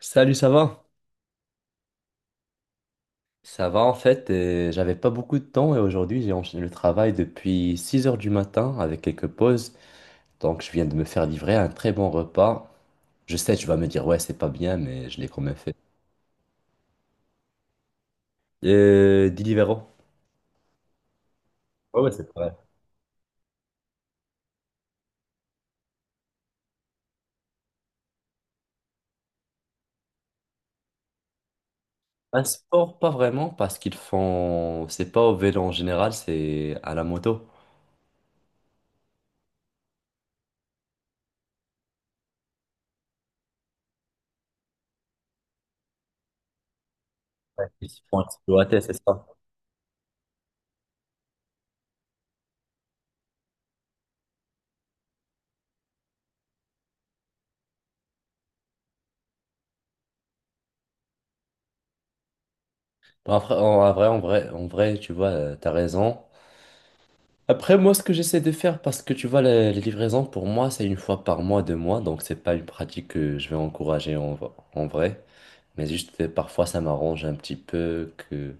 Salut, ça va? Ça va en fait, j'avais pas beaucoup de temps et aujourd'hui j'ai enchaîné le travail depuis 6 heures du matin avec quelques pauses. Donc je viens de me faire livrer un très bon repas. Je sais, tu vas me dire ouais, c'est pas bien, mais je l'ai quand même fait. Deliveroo. Ouais, ouais, c'est vrai. Un sport, pas vraiment, parce qu'ils font. C'est pas au vélo en général, c'est à la moto. Ouais, ils se font exploiter, c'est ça. Bon, après, en vrai, tu vois, t'as raison. Après, moi, ce que j'essaie de faire, parce que tu vois, les livraisons, pour moi, c'est une fois par mois, deux mois, donc c'est pas une pratique que je vais encourager en vrai, mais juste parfois, ça m'arrange un petit peu que,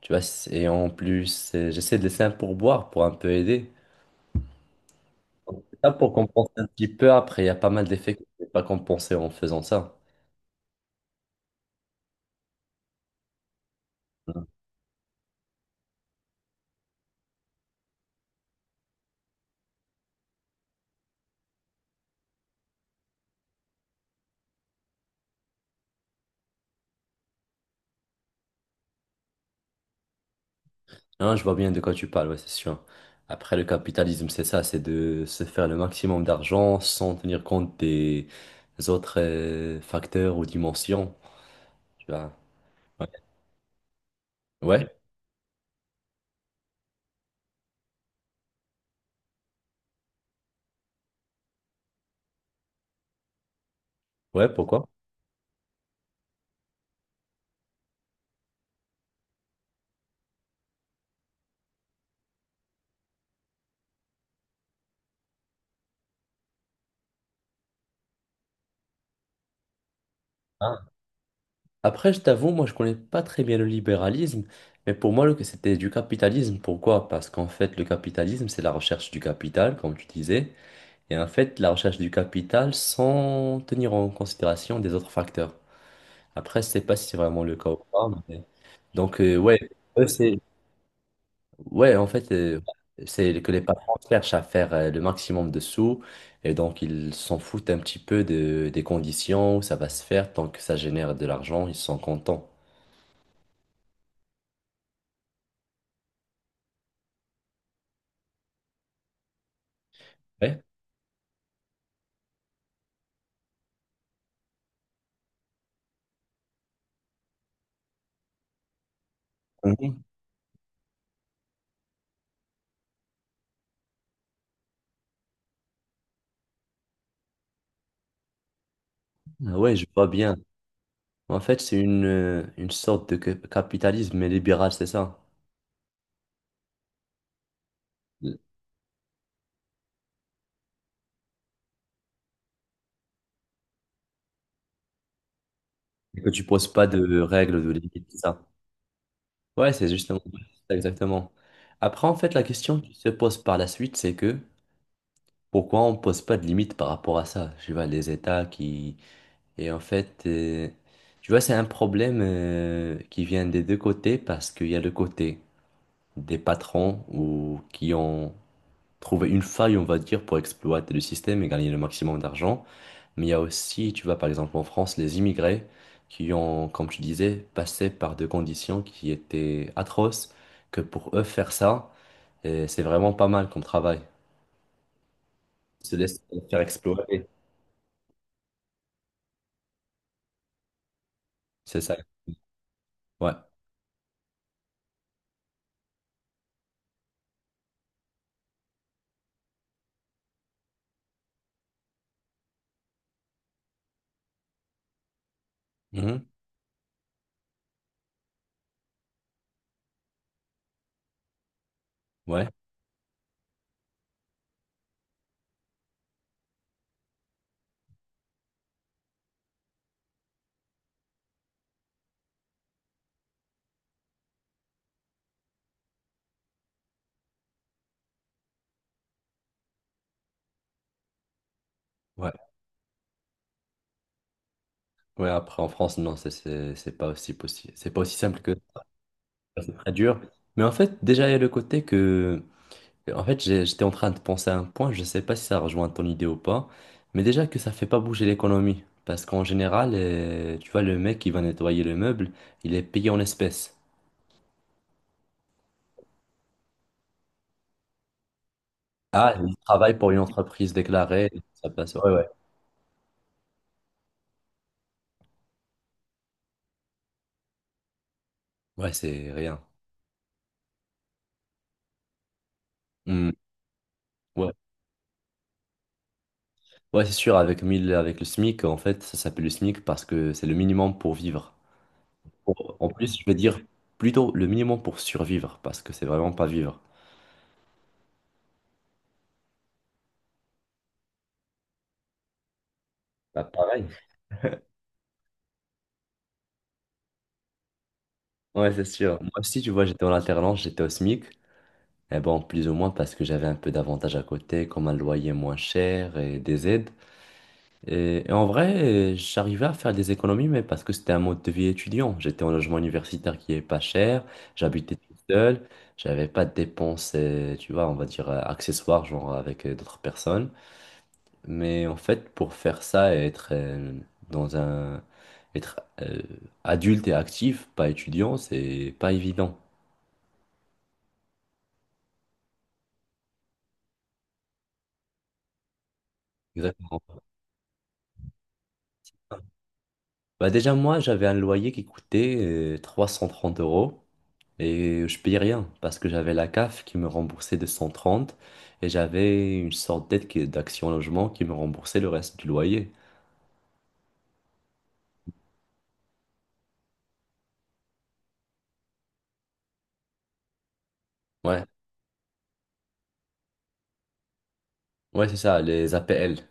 tu vois, et en plus, j'essaie de laisser un pourboire pour un peu aider. Donc, c'est ça pour compenser un petit peu, après, il y a pas mal d'effets que je n'ai pas compensé en faisant ça. Non, je vois bien de quoi tu parles, ouais, c'est sûr. Après, le capitalisme, c'est ça, c'est de se faire le maximum d'argent sans tenir compte des autres facteurs ou dimensions, tu vois. Ouais, ouais, ouais, pourquoi? Ah. Après, je t'avoue, moi, je connais pas très bien le libéralisme, mais pour moi, c'était du capitalisme. Pourquoi? Parce qu'en fait, le capitalisme, c'est la recherche du capital, comme tu disais, et en fait, la recherche du capital sans tenir en considération des autres facteurs. Après, je sais pas si c'est vraiment le cas ou pas. Donc, ouais, eux, c'est... Ouais, en fait, c'est que les patrons cherchent à faire le maximum de sous et donc ils s'en foutent un petit peu des conditions où ça va se faire. Tant que ça génère de l'argent, ils sont contents. Ouais. Mhm. Ah, ouais, je vois bien. En fait, c'est une sorte de capitalisme libéral, c'est ça? Que tu poses pas de règles, de limites, c'est ça? Ouais, c'est justement, c'est exactement. Après, en fait, la question qui se pose par la suite, c'est que pourquoi on pose pas de limite par rapport à ça? Tu vois, les États qui... Et en fait, tu vois, c'est un problème qui vient des deux côtés parce qu'il y a le côté des patrons ou qui ont trouvé une faille, on va dire, pour exploiter le système et gagner le maximum d'argent. Mais il y a aussi, tu vois, par exemple en France, les immigrés qui ont, comme tu disais, passé par des conditions qui étaient atroces, que pour eux, faire ça, c'est vraiment pas mal comme travail. Ils se laissent faire exploiter, c'est ça. Ouais. Mhm. Ouais. Ouais. Ouais. Après, en France, non, c'est pas aussi possible. C'est pas aussi simple que ça. C'est très dur. Mais en fait, déjà, il y a le côté que. En fait, j'étais en train de penser à un point, je sais pas si ça rejoint ton idée ou pas, mais déjà que ça fait pas bouger l'économie. Parce qu'en général, tu vois, le mec qui va nettoyer le meuble, il est payé en espèces. Ah, il travaille pour une entreprise déclarée, ça passe. Ouais, ouais. Ouais, c'est rien. Hmm. Ouais. Ouais, c'est sûr, avec 1000, avec le SMIC, en fait, ça s'appelle le SMIC parce que c'est le minimum pour vivre. En plus, je veux dire plutôt le minimum pour survivre parce que c'est vraiment pas vivre. Bah, pareil. Ouais, c'est sûr. Moi aussi, tu vois, j'étais en alternance, j'étais au SMIC. Et bon, plus ou moins parce que j'avais un peu d'avantages à côté, comme un loyer moins cher et des aides. Et en vrai, j'arrivais à faire des économies, mais parce que c'était un mode de vie étudiant. J'étais en logement universitaire qui est pas cher, j'habitais tout seul, j'avais pas de dépenses, tu vois, on va dire accessoires, genre avec d'autres personnes. Mais en fait, pour faire ça et être dans un, être adulte et actif, pas étudiant, c'est pas évident. Exactement. Bah déjà, moi, j'avais un loyer qui coûtait 330 euros et je payais rien parce que j'avais la CAF qui me remboursait 230 et j'avais une sorte d'aide d'Action Logement qui me remboursait le reste du loyer. Ouais, ouais, c'est ça, les APL.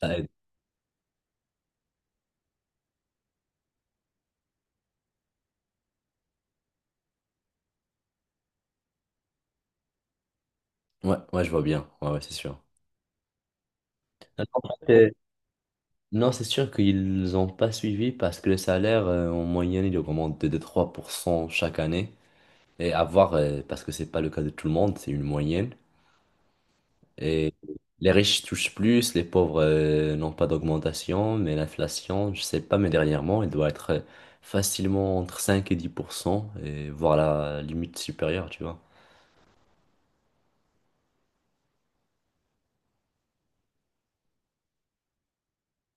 Ça aide. Ouais, ouais, je vois bien. Ouais, ouais, c'est sûr. Non, en fait, non, c'est sûr qu'ils n'ont pas suivi parce que le salaire, en moyenne, il augmente de 2-3% chaque année. Et à voir, parce que c'est pas le cas de tout le monde, c'est une moyenne. Et les riches touchent plus, les pauvres n'ont pas d'augmentation, mais l'inflation, je sais pas, mais dernièrement, elle doit être facilement entre 5 et 10%, et voire la limite supérieure, tu vois.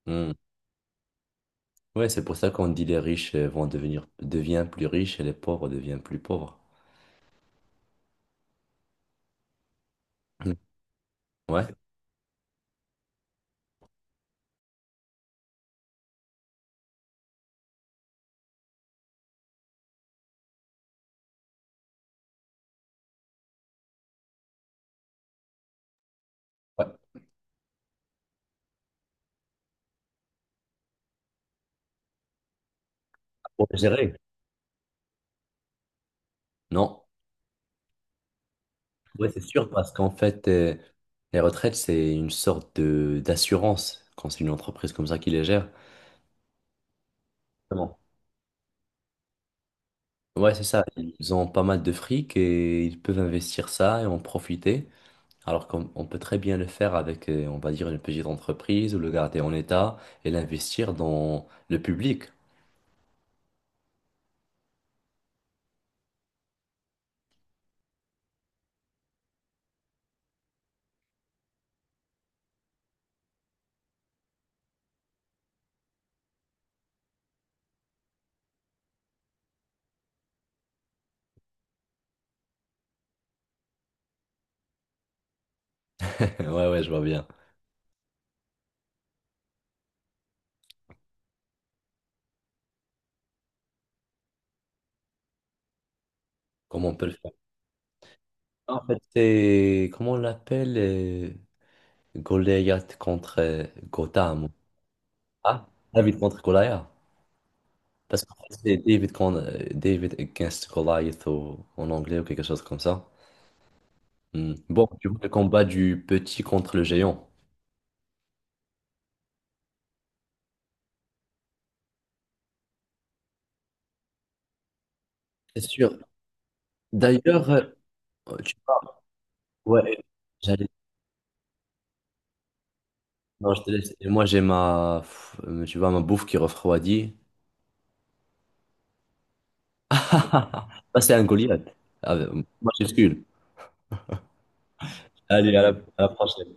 Hmm. Ouais, c'est pour ça qu'on dit les riches vont devenir deviennent plus riches et les pauvres deviennent plus pauvres. Hmm. Ouais. Ouais. Pour gérer. Non. Ouais, c'est sûr, parce qu'en fait, les retraites, c'est une sorte de d'assurance quand c'est une entreprise comme ça qui les gère. Ouais, c'est ça. Ils ont pas mal de fric et ils peuvent investir ça et en profiter. Alors qu'on on peut très bien le faire avec, on va dire, une petite entreprise ou le garder en état et l'investir dans le public. Ouais, ouais, je vois bien. Comment on peut le faire? En fait, c'est, comment on l'appelle? Goliath contre Gotham. Ah, David contre Goliath. Parce qu'en fait, c'est David against Goliath en anglais ou quelque chose comme ça. Hmm. Bon, tu vois le combat du petit contre le géant. C'est sûr. D'ailleurs, tu... ouais, j'allais. Non, je te laisse. Et moi, j'ai ma, pff, tu vois, ma bouffe qui refroidit. Ça, c'est un Goliath. Ah, moi, je suis Skull. Allez, à la prochaine.